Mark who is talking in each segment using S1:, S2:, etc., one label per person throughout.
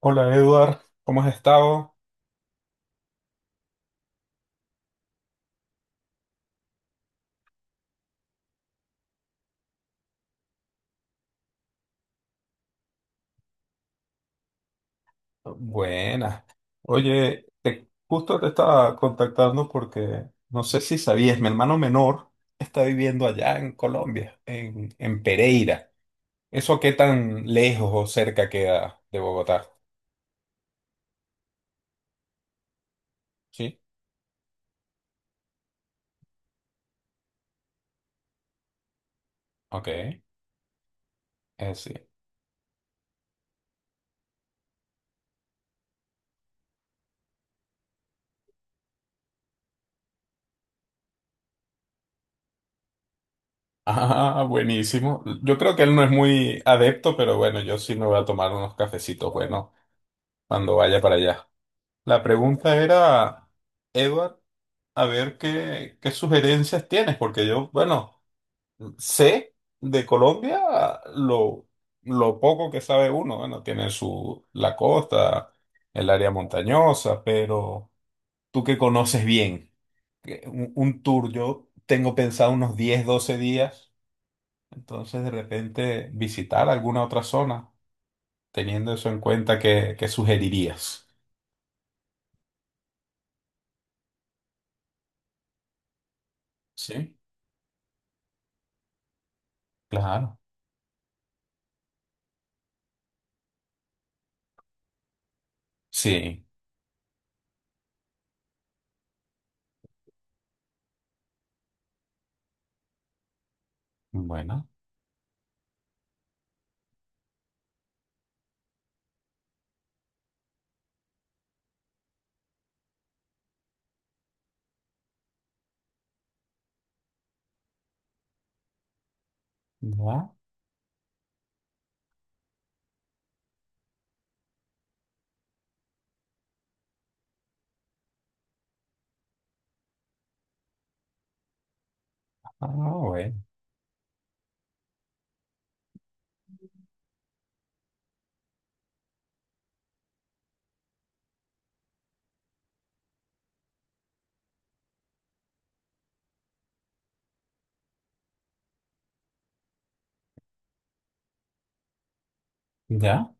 S1: Hola Eduard, ¿cómo has estado? Buenas. Oye, justo te estaba contactando porque no sé si sabías, mi hermano menor está viviendo allá en Colombia, en Pereira. ¿Eso qué tan lejos o cerca queda de Bogotá? Sí, ok, sí. Ah, buenísimo. Yo creo que él no es muy adepto, pero bueno, yo sí me voy a tomar unos cafecitos buenos cuando vaya para allá. La pregunta era, Eduard. A ver qué sugerencias tienes, porque yo, bueno, sé de Colombia lo, lo poco que sabe uno, bueno, tiene su, la costa, el área montañosa, pero tú que conoces bien, que un tour, yo tengo pensado unos 10 12 días, entonces de repente visitar alguna otra zona, teniendo eso en cuenta, ¿qué sugerirías? Sí, claro, sí, bueno, ya, ah, bueno, ya.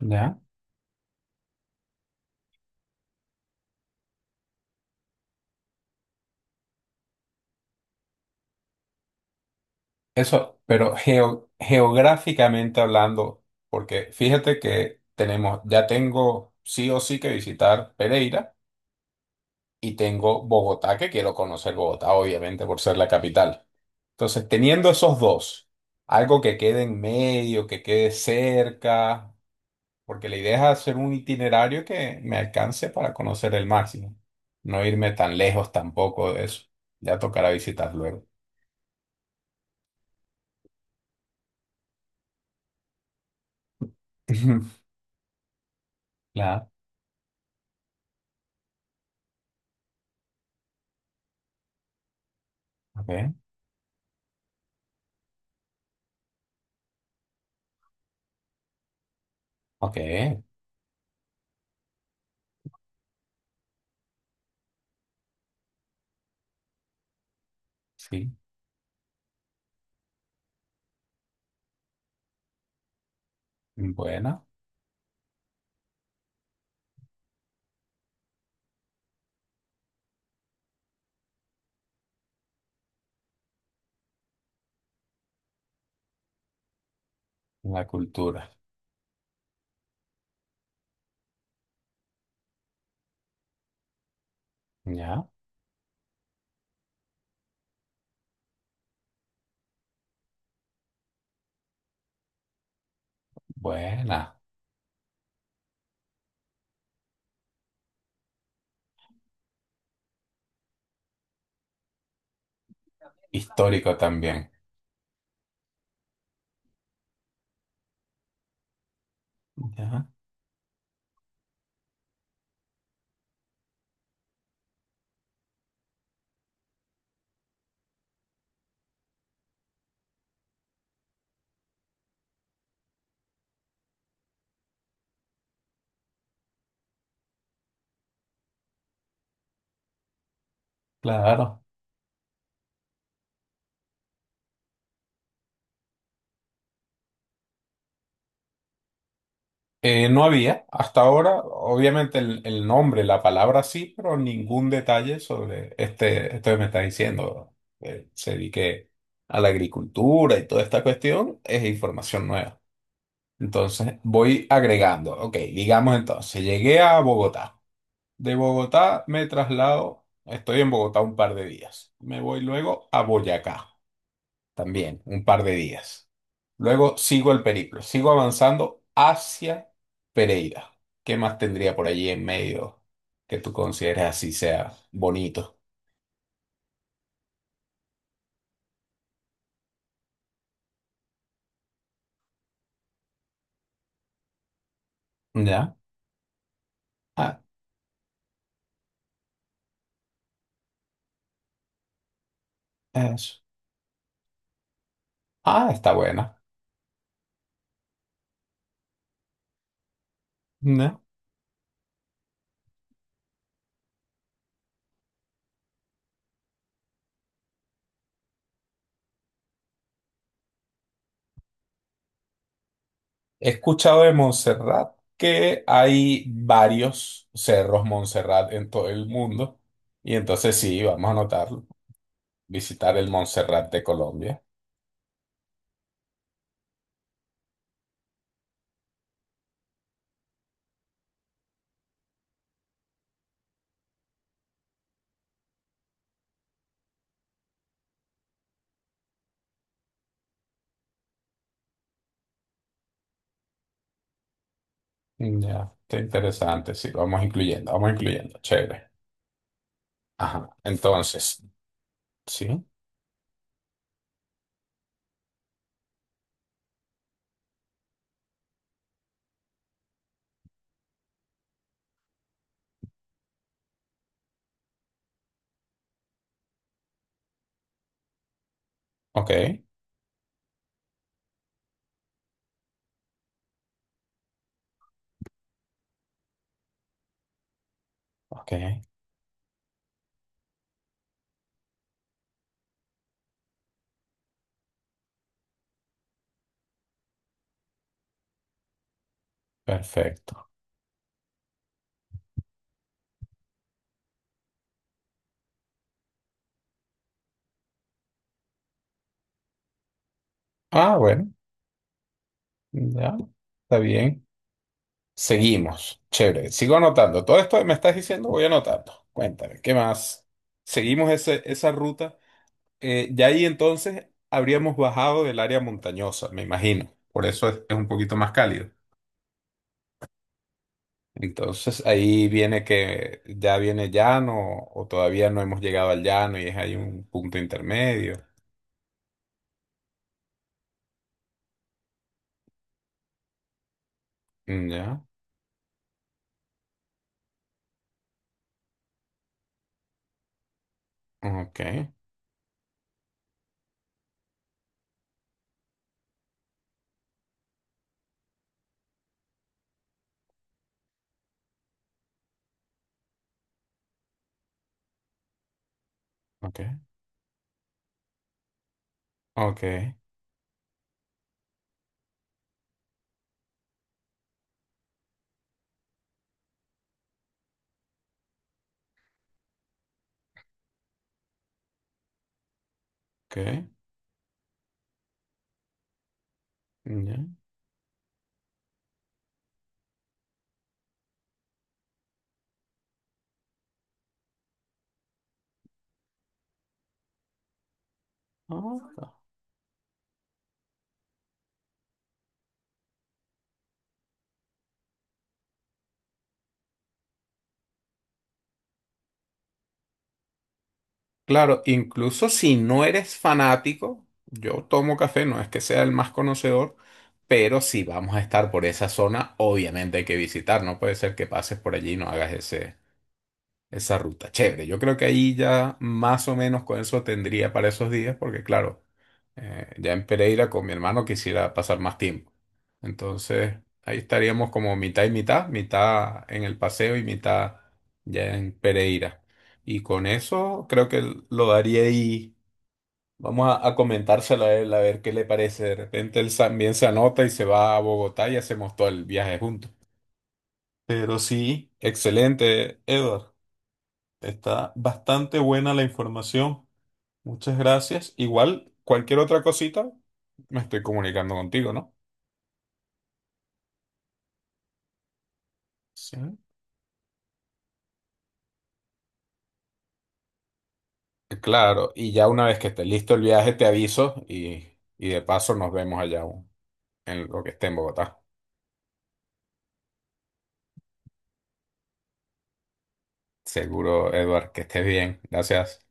S1: ¿Ya? Eso, pero geográficamente hablando, porque fíjate que tenemos, ya tengo sí o sí que visitar Pereira y tengo Bogotá, que quiero conocer Bogotá, obviamente, por ser la capital. Entonces, teniendo esos dos, algo que quede en medio, que quede cerca, porque la idea es hacer un itinerario que me alcance para conocer el máximo, no irme tan lejos tampoco de eso. Ya tocará visitar luego. Claro, ok, ok, sí. Buena, la cultura. Ya, buena. Histórico también. Ya, claro. No había hasta ahora, obviamente el nombre, la palabra sí, pero ningún detalle sobre esto que me está diciendo. Se dedique a la agricultura y toda esta cuestión es información nueva. Entonces voy agregando. Ok, digamos entonces, llegué a Bogotá. De Bogotá me traslado, estoy en Bogotá un par de días. Me voy luego a Boyacá. También un par de días. Luego sigo el periplo, sigo avanzando hacia Pereira. ¿Qué más tendría por allí en medio que tú consideres así sea bonito? ¿Ya? Ah, eso. Ah, está buena. ¿Ya? He escuchado de Montserrat que hay varios cerros Montserrat en todo el mundo. Y entonces sí, vamos a anotarlo. Visitar el Montserrat de Colombia. Ya, está interesante, sí, vamos incluyendo, chévere. Ajá, entonces, sí, ok, ok, perfecto. Ah, bueno, ya, está bien. Seguimos, chévere, sigo anotando. Todo esto que me estás diciendo, voy anotando. Cuéntame, ¿qué más? Seguimos esa ruta. Ya ahí entonces habríamos bajado del área montañosa, me imagino. Por eso es un poquito más cálido. Entonces ahí viene que ya viene llano o todavía no hemos llegado al llano y es ahí un punto intermedio. Mm, ya, ok. Ok, ok, ok. Ya, ok. Claro, incluso si no eres fanático, yo tomo café, no es que sea el más conocedor, pero si vamos a estar por esa zona, obviamente hay que visitar, no puede ser que pases por allí y no hagas ese, esa ruta, chévere. Yo creo que ahí ya más o menos con eso tendría para esos días, porque claro, ya en Pereira con mi hermano quisiera pasar más tiempo. Entonces, ahí estaríamos como mitad y mitad, mitad en el paseo y mitad ya en Pereira. Y con eso creo que lo daría ahí. Vamos a comentárselo a él, a ver qué le parece. De repente él también se anota y se va a Bogotá y hacemos todo el viaje juntos. Pero sí, excelente, Edward. Está bastante buena la información. Muchas gracias. Igual, cualquier otra cosita, me estoy comunicando contigo, ¿no? Sí. Claro, y ya una vez que esté listo el viaje, te aviso y de paso nos vemos allá en lo que esté en Bogotá. Seguro, Edward, que estés bien. Gracias.